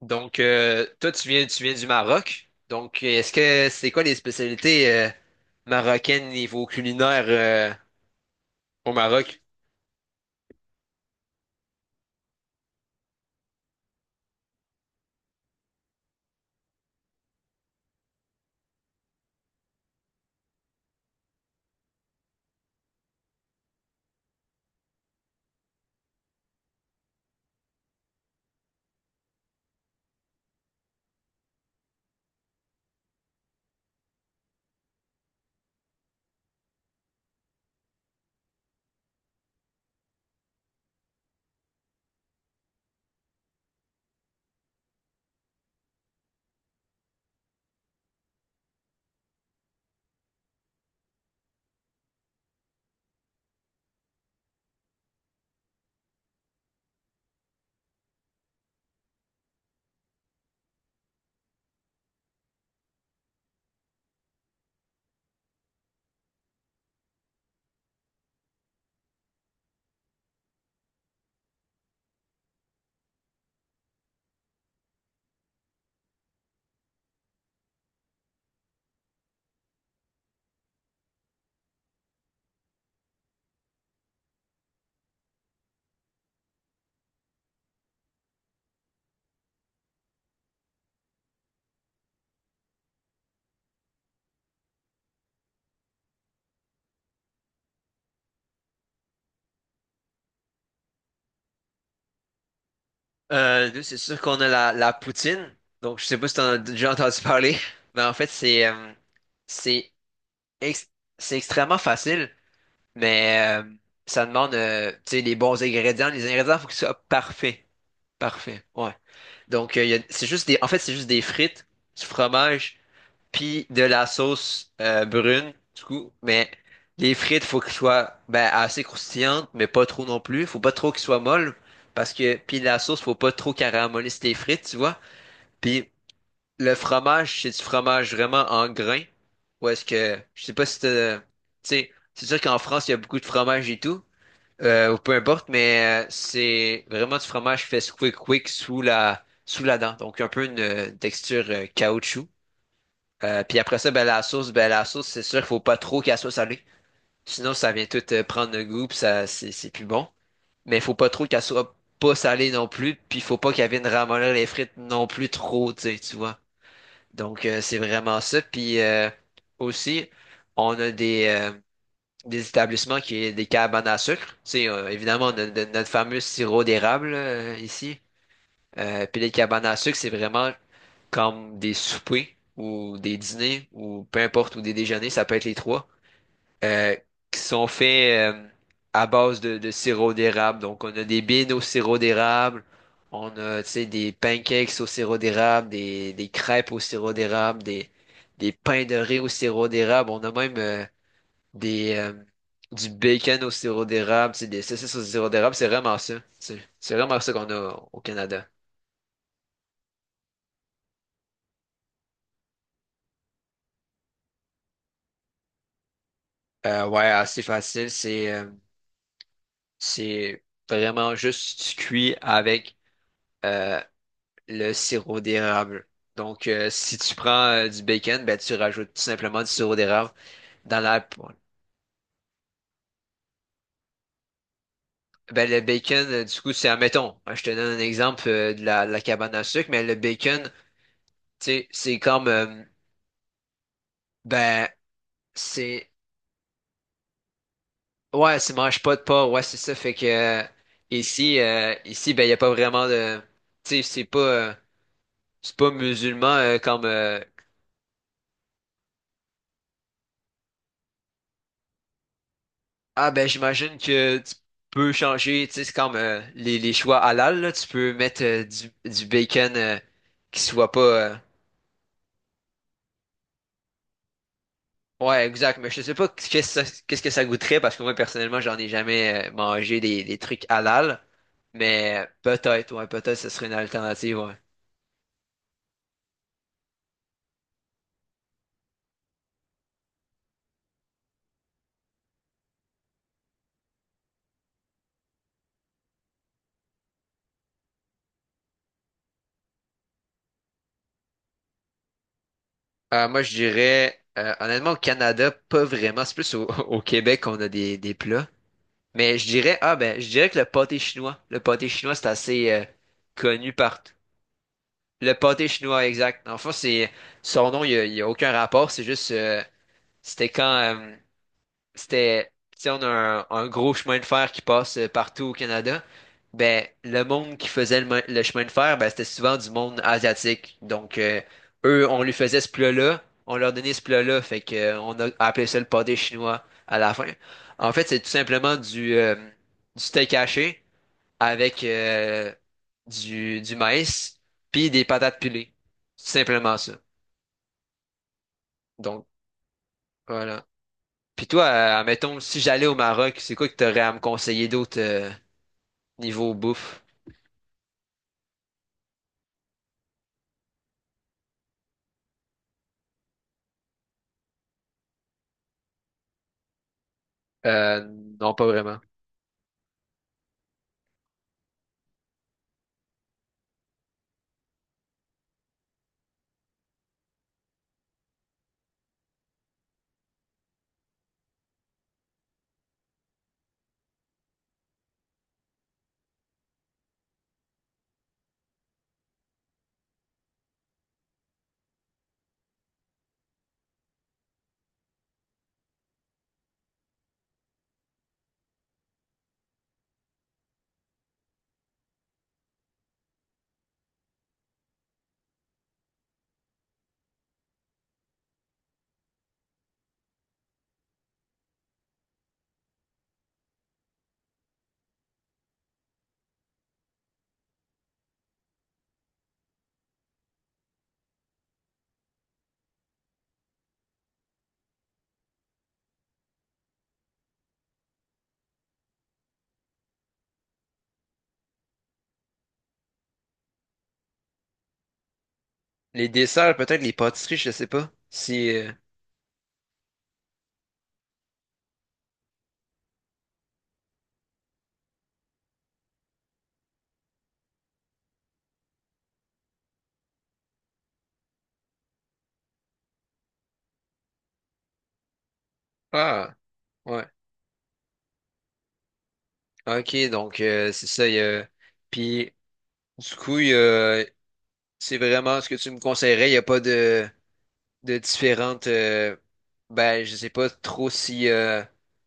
Donc, toi, tu viens du Maroc. Donc, est-ce que c'est quoi les spécialités marocaines niveau culinaire au Maroc? Nous, c'est sûr qu'on a la poutine. Donc, je sais pas si t'en as déjà entendu parler, mais en fait, c'est c'est ex- c'est extrêmement facile, mais ça demande tu sais, les bons ingrédients. Les ingrédients, faut qu'ils soient parfaits. Parfaits, ouais. Donc, c'est juste des, en fait, c'est juste des frites, du fromage, puis de la sauce brune, du coup, mais les frites, faut qu'elles soient ben, assez croustillantes, mais pas trop non plus. Faut pas trop qu'elles soient molles, parce que, puis la sauce, faut pas trop caraméliser tes frites, tu vois. Puis le fromage, c'est du fromage vraiment en grains, ou est-ce que, je sais pas si t'as, tu sais, c'est sûr qu'en France, il y a beaucoup de fromage et tout, ou peu importe, mais c'est vraiment du fromage fait squick-quick sous sous la dent, donc un peu une, texture caoutchouc. Puis après ça, ben, la sauce, c'est sûr qu'il faut pas trop qu'elle soit salée. Sinon, ça vient tout prendre le goût, puis ça, c'est plus bon. Mais il faut pas trop qu'elle soit pas salée non plus, puis faut pas qu'elle vienne ramollir les frites non plus trop, tu sais, tu vois. Donc, c'est vraiment ça. Puis aussi, on a des établissements qui ont des cabanes à sucre. Tu sais, évidemment, on a notre fameux sirop d'érable là, ici. Puis les cabanes à sucre, c'est vraiment comme des soupers ou des dîners ou peu importe, ou des déjeuners, ça peut être les trois, euh, qui sont faits à base de sirop d'érable. Donc, on a des beans au sirop d'érable, on a, tu sais, des pancakes au sirop d'érable, des crêpes au sirop d'érable, des pains de riz au sirop d'érable. On a même des, euh, du bacon au sirop d'érable, tu sais, des saucisses au sirop d'érable. C'est vraiment ça. C'est vraiment ça qu'on a au Canada. Ouais, assez facile. C'est vraiment juste cuit avec euh, le sirop d'érable. Donc, si tu prends du bacon, ben, tu rajoutes tout simplement du sirop d'érable dans la... Ben, le bacon, du coup, c'est, admettons, hein, je te donne un exemple de de la cabane à sucre, mais le bacon, tu sais, c'est comme... ben, c'est... Ouais, c'est mange pas de porc, ouais, c'est ça. Fait que ici, ben, il n'y a pas vraiment de... Tu sais, c'est pas... c'est pas musulman comme ah ben j'imagine que tu peux changer, tu sais, c'est comme les choix halal là, tu peux mettre du bacon qui soit pas ouais, exact, mais je sais pas qu'est-ce que ça goûterait parce que moi personnellement, j'en ai jamais mangé des trucs halal, mais peut-être ouais, peut-être ce serait une alternative ouais. Moi je dirais honnêtement au Canada, pas vraiment, c'est plus au, au Québec qu'on a des plats. Mais je dirais, ah ben, je dirais que le pâté chinois, c'est assez connu partout. Le pâté chinois, exact. En fait, c'est son nom, il y a aucun rapport. C'est juste, c'était quand c'était, si on a un gros chemin de fer qui passe partout au Canada, ben le monde qui faisait le, le chemin de fer, ben c'était souvent du monde asiatique. Donc eux, on lui faisait ce plat-là, on leur donnait ce plat-là, fait que on a appelé ça le pâté chinois à la fin. En fait, c'est tout simplement du steak haché avec du maïs puis des patates pilées, tout simplement ça. Donc voilà. Puis toi, admettons, si j'allais au Maroc, c'est quoi que t'aurais à me conseiller d'autre niveau bouffe? Euh, non, pas vraiment. Les desserts, peut-être les pâtisseries, je sais pas. Si ah ouais, ok, donc c'est ça. Il Y a... Puis du coup, c'est vraiment ce que tu me conseillerais. Il y a pas de différentes. Ben, je sais pas trop si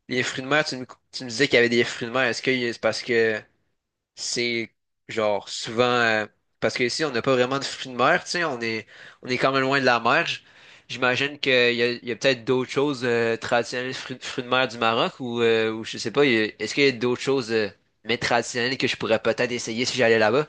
les fruits de mer. Tu me disais qu'il y avait des fruits de mer. Est-ce que c'est parce que c'est genre souvent parce que ici on n'a pas vraiment de fruits de mer, tu sais, on est quand même loin de la mer. J'imagine il y a peut-être d'autres choses traditionnelles fruits de mer du Maroc ou je sais pas, est-ce qu'il y a d'autres choses mais traditionnelles que je pourrais peut-être essayer si j'allais là-bas?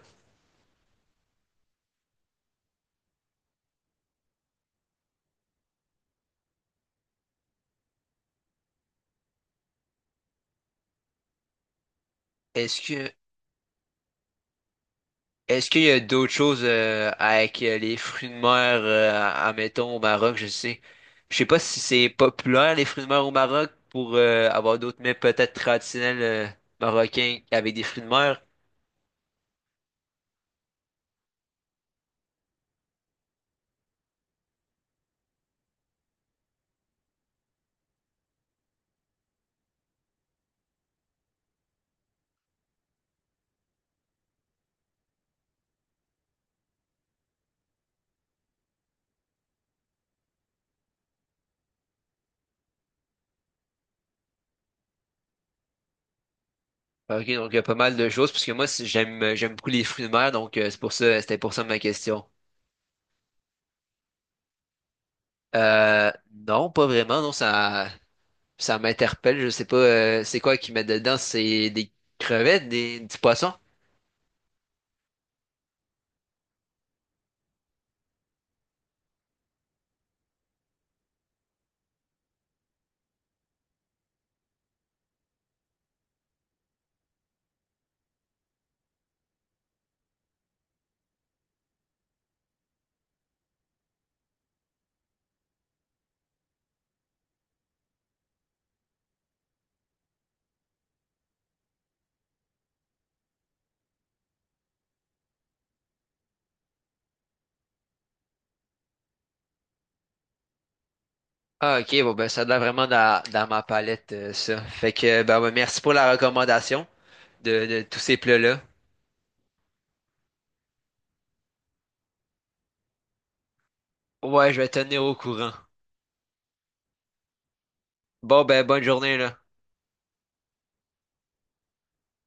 Est-ce que Est-ce qu'il y a d'autres choses avec les fruits de mer, admettons, au Maroc, je sais. Je sais pas si c'est populaire, les fruits de mer au Maroc, pour avoir d'autres mets peut-être traditionnels marocains avec des fruits de mer. Ok, donc il y a pas mal de choses, parce que moi, j'aime j'aime beaucoup les fruits de mer, donc c'est pour ça, c'était pour ça ma question. Non, pas vraiment, non, ça m'interpelle, je sais pas, c'est quoi qu'ils mettent dedans, c'est des crevettes, des, du poisson? Ah, ok, bon, ben, ça doit vraiment dans ma palette, ça. Fait que, ben, ben, merci pour la recommandation de tous ces plats-là. Ouais, je vais tenir au courant. Bon, ben, bonne journée, là.